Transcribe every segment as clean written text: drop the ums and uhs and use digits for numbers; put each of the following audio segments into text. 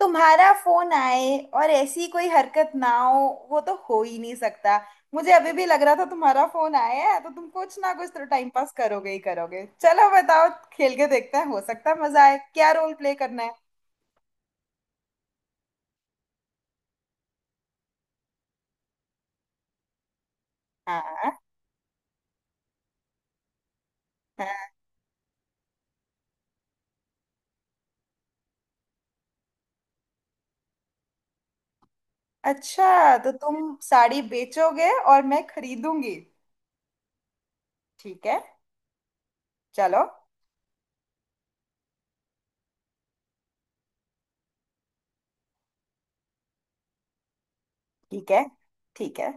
तुम्हारा फोन आए और ऐसी कोई हरकत ना हो, वो तो हो ही नहीं सकता। मुझे अभी भी लग रहा था तुम्हारा फोन आया है तो तुम कुछ ना कुछ तो टाइम पास करोगे ही करोगे। चलो बताओ, खेल के देखते हैं, हो सकता है मजा आए। क्या रोल प्ले करना है? हाँ। हाँ। अच्छा, तो तुम साड़ी बेचोगे और मैं खरीदूंगी। ठीक है। चलो। ठीक है। ठीक है।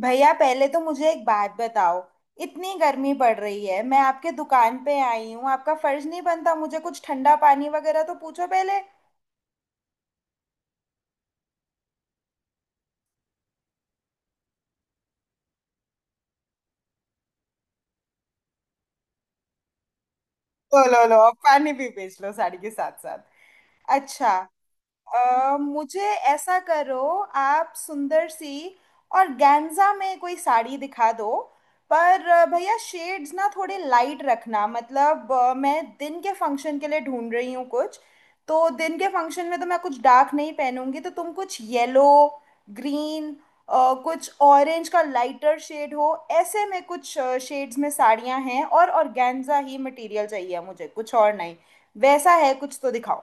भैया पहले तो मुझे एक बात बताओ, इतनी गर्मी पड़ रही है, मैं आपके दुकान पे आई हूँ, आपका फर्ज नहीं बनता मुझे कुछ ठंडा पानी वगैरह तो पूछो पहले। ओ, लो लो, अब पानी भी बेच लो साड़ी के साथ साथ। अच्छा, मुझे ऐसा करो, आप सुंदर सी और गैंजा में कोई साड़ी दिखा दो। पर भैया, शेड्स ना थोड़े लाइट रखना, मतलब मैं दिन के फंक्शन के लिए ढूंढ रही हूँ कुछ। तो दिन के फंक्शन में तो मैं कुछ डार्क नहीं पहनूंगी, तो तुम कुछ येलो, ग्रीन, कुछ ऑरेंज का लाइटर शेड हो, ऐसे में कुछ शेड्स में साड़ियाँ हैं, और ऑर्गेन्जा ही मटेरियल चाहिए मुझे, कुछ और नहीं। वैसा है कुछ तो दिखाओ।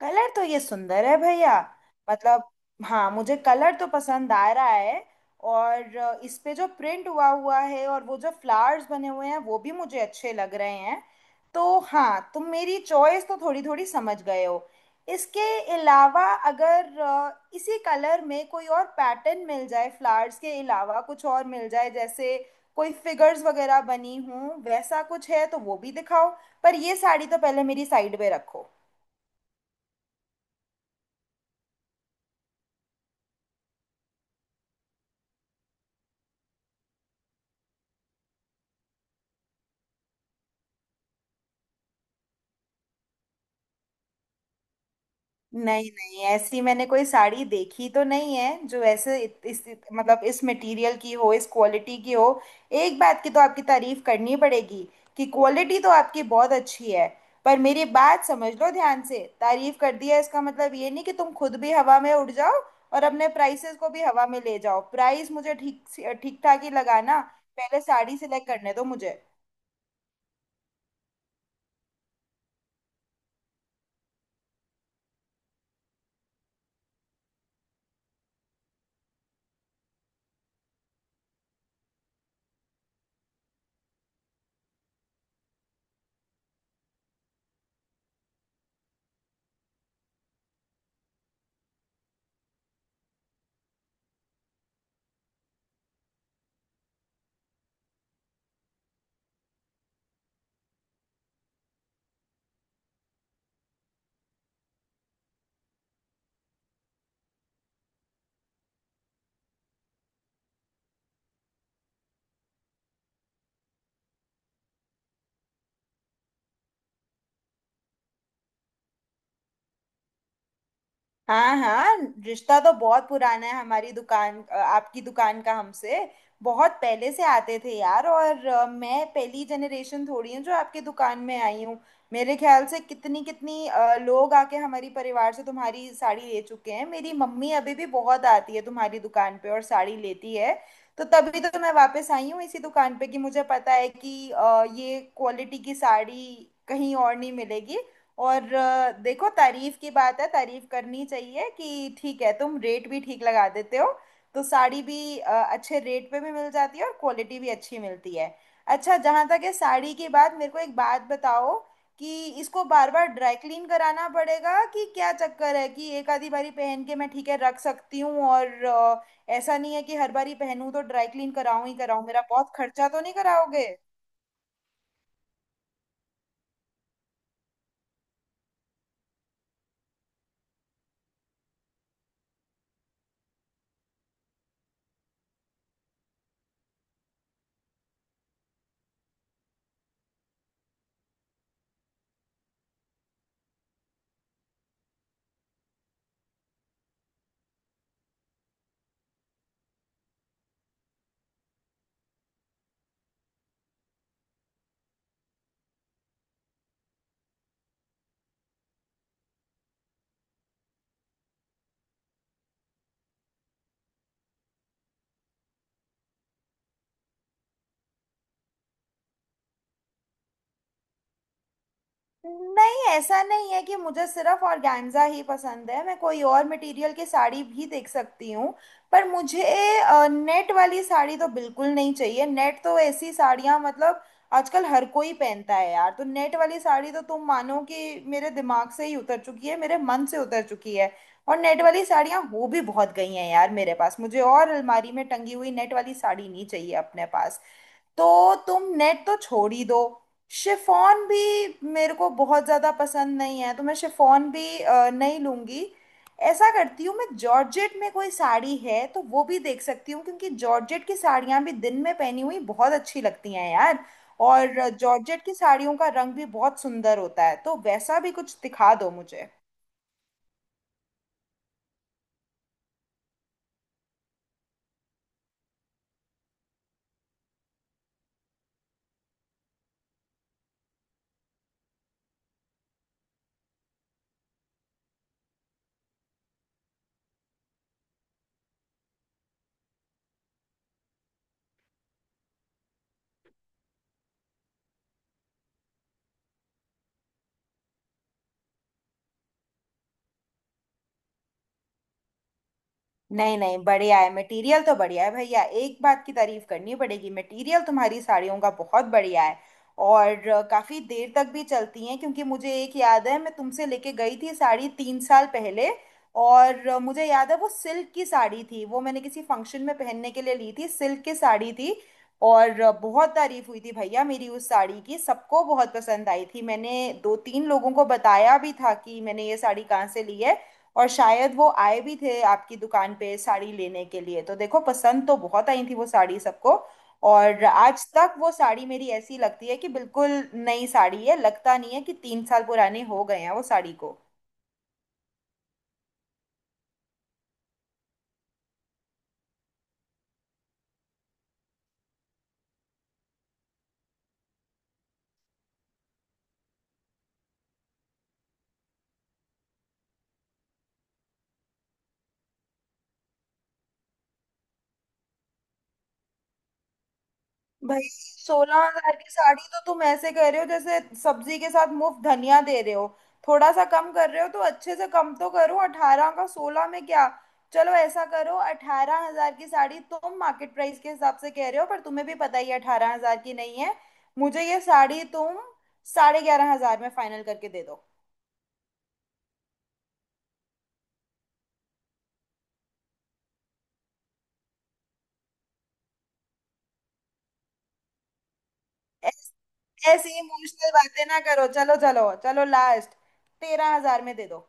कलर तो ये सुंदर है भैया। मतलब, हाँ मुझे कलर तो पसंद आ रहा है। और इस पे जो प्रिंट हुआ हुआ है और वो जो फ्लावर्स बने हुए हैं, वो भी मुझे अच्छे लग रहे हैं। तो हाँ, तुम मेरी चॉइस तो थोड़ी थोड़ी समझ गए हो। इसके अलावा अगर इसी कलर में कोई और पैटर्न मिल जाए, फ्लावर्स के अलावा कुछ और मिल जाए, जैसे कोई फिगर्स वगैरह बनी हों, वैसा कुछ है तो वो भी दिखाओ। पर ये साड़ी तो पहले मेरी साइड पे रखो। नहीं नहीं, ऐसी मैंने कोई साड़ी देखी तो नहीं है जो ऐसे इस, मतलब इस मटेरियल की हो, इस क्वालिटी की हो। एक बात की तो आपकी तारीफ करनी पड़ेगी कि क्वालिटी तो आपकी बहुत अच्छी है। पर मेरी बात समझ लो ध्यान से, तारीफ कर दिया इसका मतलब ये नहीं कि तुम खुद भी हवा में उड़ जाओ और अपने प्राइसेस को भी हवा में ले जाओ। प्राइस मुझे ठीक ठीक ठाक ही लगाना। पहले साड़ी सिलेक्ट करने दो मुझे। हाँ हाँ, रिश्ता तो बहुत पुराना है। हमारी दुकान आपकी दुकान का हमसे बहुत पहले से आते थे यार। और मैं पहली जनरेशन थोड़ी हूँ जो आपकी दुकान में आई हूँ। मेरे ख्याल से कितनी कितनी लोग आके हमारी परिवार से तुम्हारी साड़ी ले चुके हैं। मेरी मम्मी अभी भी बहुत आती है तुम्हारी दुकान पे और साड़ी लेती है। तो तभी तो मैं वापस आई हूँ इसी दुकान पे, कि मुझे पता है कि ये क्वालिटी की साड़ी कहीं और नहीं मिलेगी। और देखो, तारीफ की बात है, तारीफ करनी चाहिए कि ठीक है तुम रेट भी ठीक लगा देते हो। तो साड़ी भी अच्छे रेट पे भी मिल जाती है और क्वालिटी भी अच्छी मिलती है। अच्छा, जहाँ तक है साड़ी की बात, मेरे को एक बात बताओ कि इसको बार बार ड्राई क्लीन कराना पड़ेगा कि क्या चक्कर है? कि एक आधी बारी पहन के मैं ठीक है रख सकती हूँ, और ऐसा नहीं है कि हर बारी पहनूं तो ड्राई क्लीन कराऊं ही कराऊं, मेरा बहुत खर्चा तो नहीं कराओगे? नहीं, ऐसा नहीं है कि मुझे सिर्फ ऑर्गेन्जा ही पसंद है, मैं कोई और मटेरियल की साड़ी भी देख सकती हूँ। पर मुझे नेट वाली साड़ी तो बिल्कुल नहीं चाहिए। नेट तो ऐसी साड़ियाँ, मतलब आजकल हर कोई पहनता है यार, तो नेट वाली साड़ी तो तुम मानो कि मेरे दिमाग से ही उतर चुकी है, मेरे मन से उतर चुकी है। और नेट वाली साड़ियाँ हो भी बहुत गई हैं यार मेरे पास, मुझे और अलमारी में टंगी हुई नेट वाली साड़ी नहीं चाहिए अपने पास। तो तुम नेट तो छोड़ ही दो। शिफॉन भी मेरे को बहुत ज़्यादा पसंद नहीं है, तो मैं शिफॉन भी नहीं लूँगी। ऐसा करती हूँ, मैं जॉर्जेट में कोई साड़ी है तो वो भी देख सकती हूँ, क्योंकि जॉर्जेट की साड़ियाँ भी दिन में पहनी हुई बहुत अच्छी लगती हैं यार। और जॉर्जेट की साड़ियों का रंग भी बहुत सुंदर होता है, तो वैसा भी कुछ दिखा दो मुझे। नहीं नहीं, बढ़िया है, मटेरियल तो बढ़िया है भैया, एक बात की तारीफ करनी पड़ेगी, मटेरियल तुम्हारी साड़ियों का बहुत बढ़िया है। और काफी देर तक भी चलती हैं, क्योंकि मुझे एक याद है, मैं तुमसे लेके गई थी साड़ी 3 साल पहले। और मुझे याद है वो सिल्क की साड़ी थी, वो मैंने किसी फंक्शन में पहनने के लिए ली थी, सिल्क की साड़ी थी। और बहुत तारीफ हुई थी भैया मेरी उस साड़ी की, सबको बहुत पसंद आई थी। मैंने 2 3 लोगों को बताया भी था कि मैंने ये साड़ी कहाँ से ली है, और शायद वो आए भी थे आपकी दुकान पे साड़ी लेने के लिए। तो देखो, पसंद तो बहुत आई थी वो साड़ी सबको। और आज तक वो साड़ी मेरी ऐसी लगती है कि बिल्कुल नई साड़ी है, लगता नहीं है कि 3 साल पुराने हो गए हैं वो साड़ी को। भाई, 16 हजार की साड़ी तो तुम ऐसे कह रहे हो जैसे सब्जी के साथ मुफ्त धनिया दे रहे हो। थोड़ा सा कम कर रहे हो तो अच्छे से कम तो करो, अठारह का सोलह में क्या? चलो ऐसा करो, 18 हजार की साड़ी तुम मार्केट प्राइस के हिसाब से कह रहे हो, पर तुम्हें भी पता ही 18 हजार की नहीं है। मुझे ये साड़ी तुम 11,500 में फाइनल करके दे दो। ऐस- ऐसी इमोशनल बातें ना करो, चलो चलो चलो लास्ट, 13 हजार में दे दो।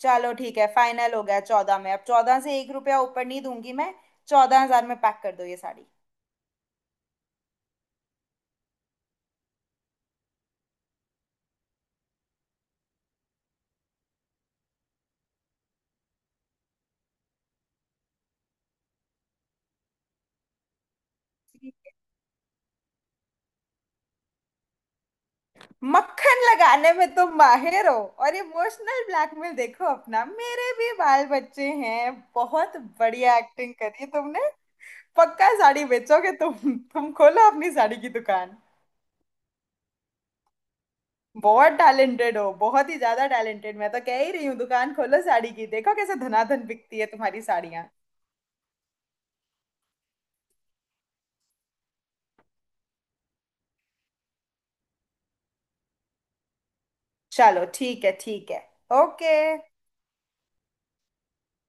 चलो ठीक है, फाइनल हो गया चौदह में। अब चौदह से 1 रुपया ऊपर नहीं दूंगी मैं, 14 हजार में पैक कर दो ये साड़ी। मक्खन लगाने में तुम माहिर हो, और इमोशनल ब्लैकमेल, देखो अपना मेरे भी बाल बच्चे हैं, बहुत बढ़िया एक्टिंग करी तुमने। पक्का साड़ी बेचोगे तुम खोलो अपनी साड़ी की दुकान। बहुत टैलेंटेड हो, बहुत ही ज्यादा टैलेंटेड, मैं तो कह ही रही हूँ दुकान खोलो साड़ी की, देखो कैसे धनाधन बिकती है तुम्हारी साड़ियाँ। चलो ठीक है, ठीक है। ओके।